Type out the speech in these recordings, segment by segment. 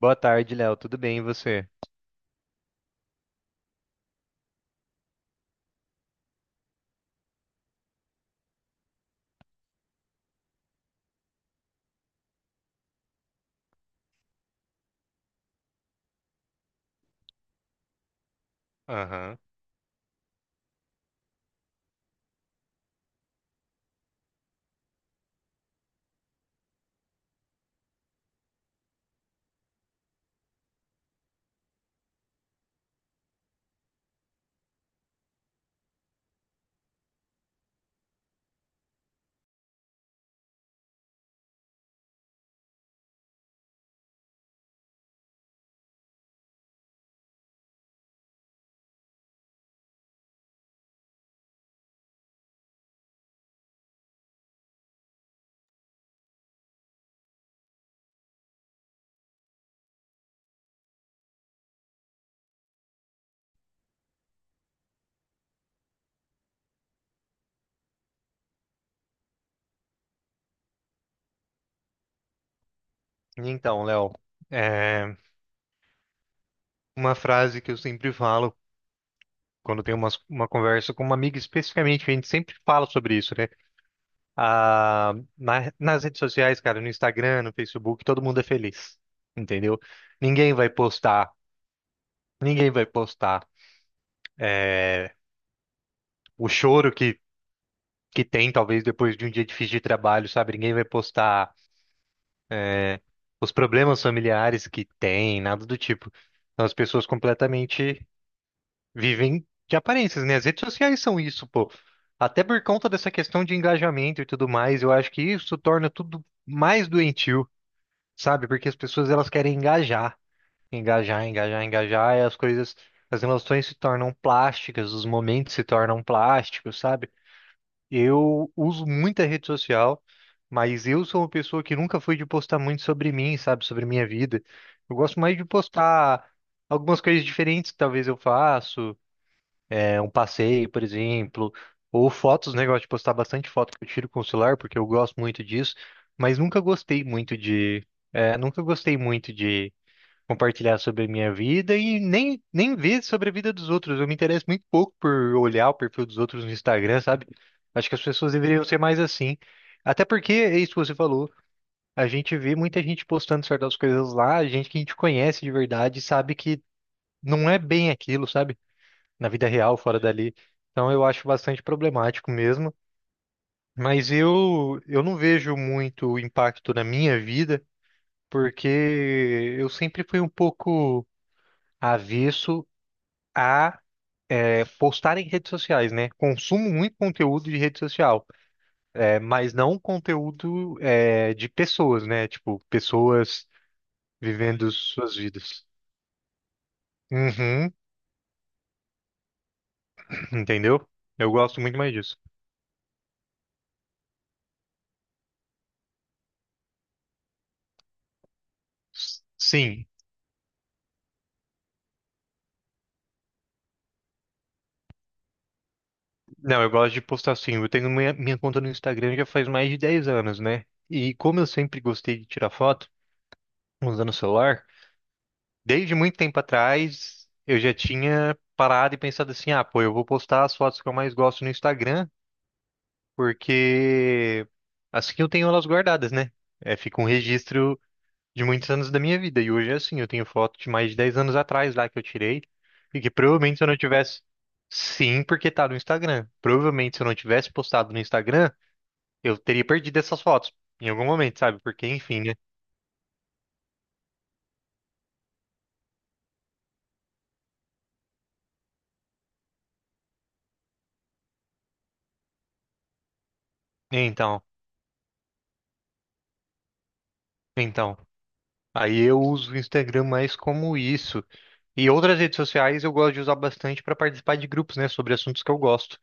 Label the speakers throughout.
Speaker 1: Boa tarde, Léo. Tudo bem, e você? Aham. Então, Léo, é, uma frase que eu sempre falo quando tenho uma conversa com uma amiga, especificamente. A gente sempre fala sobre isso, né? Ah, nas redes sociais, cara, no Instagram, no Facebook, todo mundo é feliz, entendeu? Ninguém vai postar, ninguém vai postar é, o choro que tem, talvez, depois de um dia difícil de trabalho, sabe? Ninguém vai postar, é, os problemas familiares que tem, nada do tipo. São as pessoas completamente Vivem de aparências, né? As redes sociais são isso, pô. Até por conta dessa questão de engajamento e tudo mais, eu acho que isso torna tudo mais doentio, sabe? Porque as pessoas, elas querem engajar, engajar, engajar, engajar, e as coisas, as emoções se tornam plásticas, os momentos se tornam plásticos, sabe? Eu uso muita rede social, mas eu sou uma pessoa que nunca fui de postar muito sobre mim, sabe? Sobre minha vida. Eu gosto mais de postar algumas coisas diferentes, que talvez eu faço, um passeio, por exemplo, ou fotos, né? Eu gosto de postar bastante foto que eu tiro com o celular, porque eu gosto muito disso, mas nunca gostei muito de, é, nunca gostei muito de compartilhar sobre a minha vida e nem ver sobre a vida dos outros. Eu me interesso muito pouco por olhar o perfil dos outros no Instagram, sabe? Acho que as pessoas deveriam ser mais assim. Até porque, é isso que você falou, a gente vê muita gente postando certas coisas lá, gente que a gente conhece de verdade, sabe que não é bem aquilo, sabe? Na vida real, fora dali. Então eu acho bastante problemático mesmo. Mas eu não vejo muito impacto na minha vida, porque eu sempre fui um pouco avesso a postar em redes sociais, né? Consumo muito conteúdo de rede social, mas não conteúdo, de pessoas, né? Tipo, pessoas vivendo suas vidas. Uhum, entendeu? Eu gosto muito mais disso. Sim. Não, eu gosto de postar, sim. Eu tenho minha conta no Instagram já faz mais de 10 anos, né? E como eu sempre gostei de tirar foto usando o celular, desde muito tempo atrás eu já tinha parado e pensado assim: ah, pô, eu vou postar as fotos que eu mais gosto no Instagram, porque assim eu tenho elas guardadas, né? É, fica um registro de muitos anos da minha vida. E hoje é assim: eu tenho foto de mais de 10 anos atrás lá que eu tirei, e que provavelmente se eu não tivesse. Sim, porque tá no Instagram. Provavelmente se eu não tivesse postado no Instagram, eu teria perdido essas fotos em algum momento, sabe? Porque, enfim, né? Então, então. Aí eu uso o Instagram mais como isso. E outras redes sociais eu gosto de usar bastante para participar de grupos, né? Sobre assuntos que eu gosto.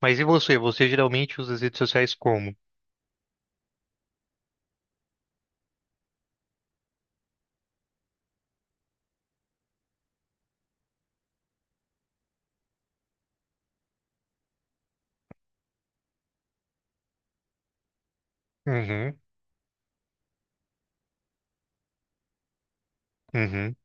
Speaker 1: Mas e você? Você geralmente usa as redes sociais como? Uhum, uhum,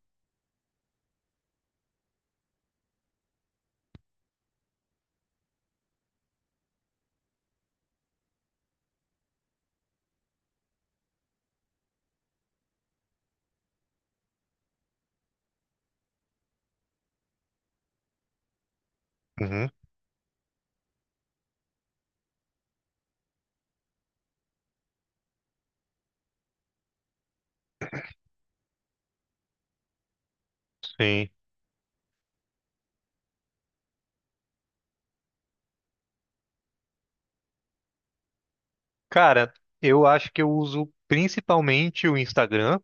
Speaker 1: uhum. Sim. Cara, eu acho que eu uso principalmente o Instagram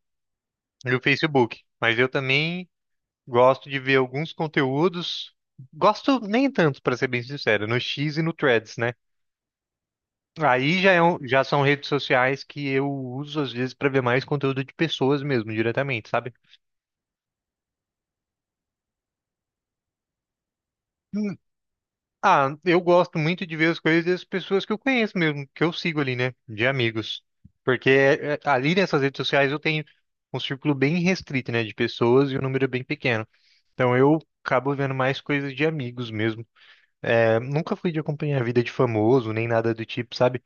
Speaker 1: e o Facebook. Mas eu também gosto de ver alguns conteúdos. Gosto nem tanto, para ser bem sincero, no X e no Threads, né? Aí já, já são redes sociais que eu uso às vezes para ver mais conteúdo de pessoas mesmo, diretamente, sabe? Hum, Ah, eu gosto muito de ver as coisas das pessoas que eu conheço mesmo, que eu sigo ali, né? De amigos. Porque ali nessas redes sociais eu tenho um círculo bem restrito, né? De pessoas, e um número bem pequeno. Então eu acabo vendo mais coisas de amigos mesmo. É, nunca fui de acompanhar a vida de famoso, nem nada do tipo, sabe?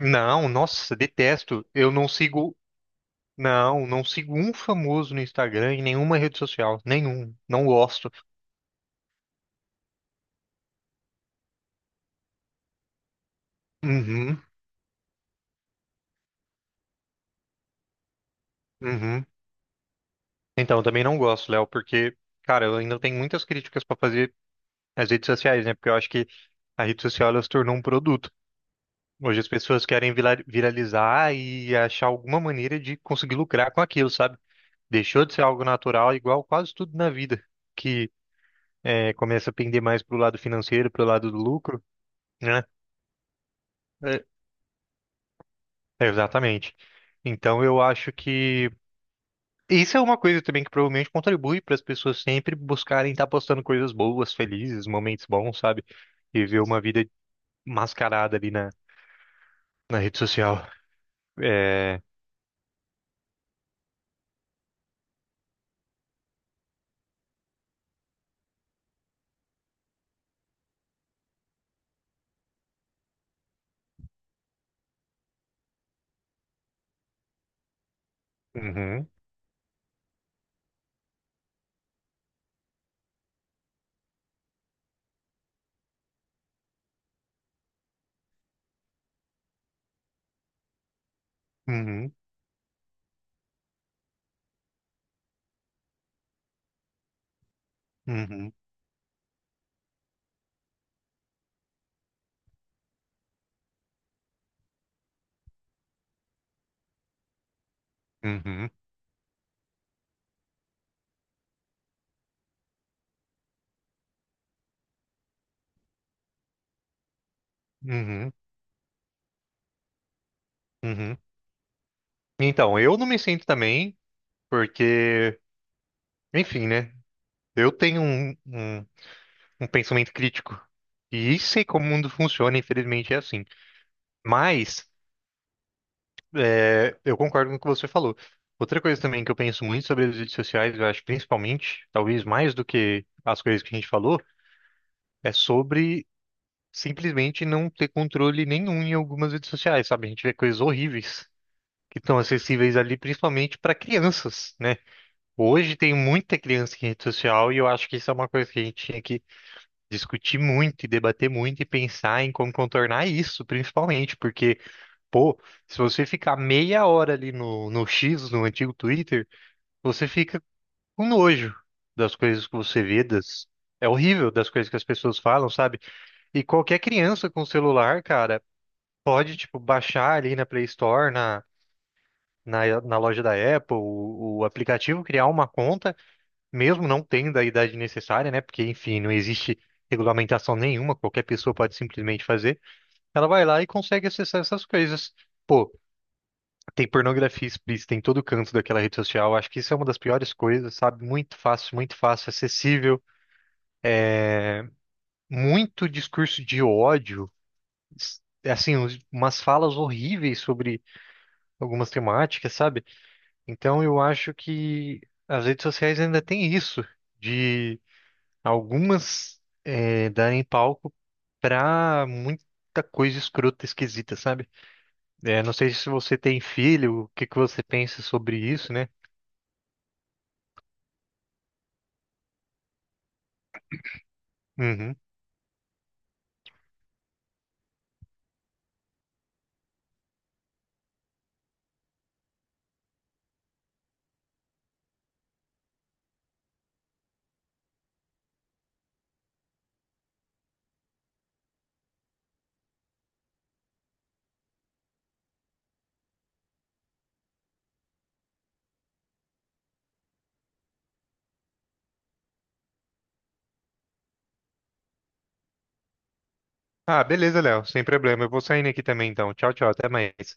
Speaker 1: Não, nossa, detesto. Eu não sigo Não, não sigo um famoso no Instagram, em nenhuma rede social. Nenhum. Não gosto. Uhum, uhum. Então, eu também não gosto, Léo, porque, cara, eu ainda tenho muitas críticas pra fazer às redes sociais, né? Porque eu acho que a rede social, ela se tornou um produto. Hoje as pessoas querem viralizar e achar alguma maneira de conseguir lucrar com aquilo, sabe? Deixou de ser algo natural, igual quase tudo na vida, que começa a pender mais pro lado financeiro, pro lado do lucro, né? É, exatamente. Então eu acho que. Isso é uma coisa também que provavelmente contribui para as pessoas sempre buscarem estar postando coisas boas, felizes, momentos bons, sabe? E ver uma vida mascarada ali na, na rede social. É. Uhum, uhum, uhum, uhum, uhum, uhum. Então, eu não me sinto também, porque, enfim, né? Eu tenho um pensamento crítico. E sei como o mundo funciona, infelizmente é assim. Mas. É, eu concordo com o que você falou. Outra coisa também que eu penso muito sobre as redes sociais, eu acho, principalmente, talvez mais do que as coisas que a gente falou, é sobre simplesmente não ter controle nenhum em algumas redes sociais, sabe? A gente vê coisas horríveis que estão acessíveis ali, principalmente para crianças, né? Hoje tem muita criança em rede social e eu acho que isso é uma coisa que a gente tinha que discutir muito e debater muito e pensar em como contornar isso, principalmente, porque pô, se você ficar meia hora ali no X, no antigo Twitter, você fica com nojo das coisas que você vê, das... é horrível, das coisas que as pessoas falam, sabe? E qualquer criança com celular, cara, pode, tipo, baixar ali na Play Store, na loja da Apple, o aplicativo, criar uma conta, mesmo não tendo a idade necessária, né? Porque, enfim, não existe regulamentação nenhuma, qualquer pessoa pode simplesmente fazer. Ela vai lá e consegue acessar essas coisas. Pô, tem pornografia explícita em todo canto daquela rede social. Acho que isso é uma das piores coisas, sabe? Muito fácil, acessível. Muito discurso de ódio. Umas falas horríveis sobre algumas temáticas, sabe? Então eu acho que as redes sociais ainda têm isso, de algumas, darem palco pra muita coisa escrota, esquisita, sabe? Não sei se você tem filho, o que que você pensa sobre isso, né? Uhum. Ah, beleza, Léo. Sem problema. Eu vou saindo aqui também, então. Tchau, tchau. Até mais.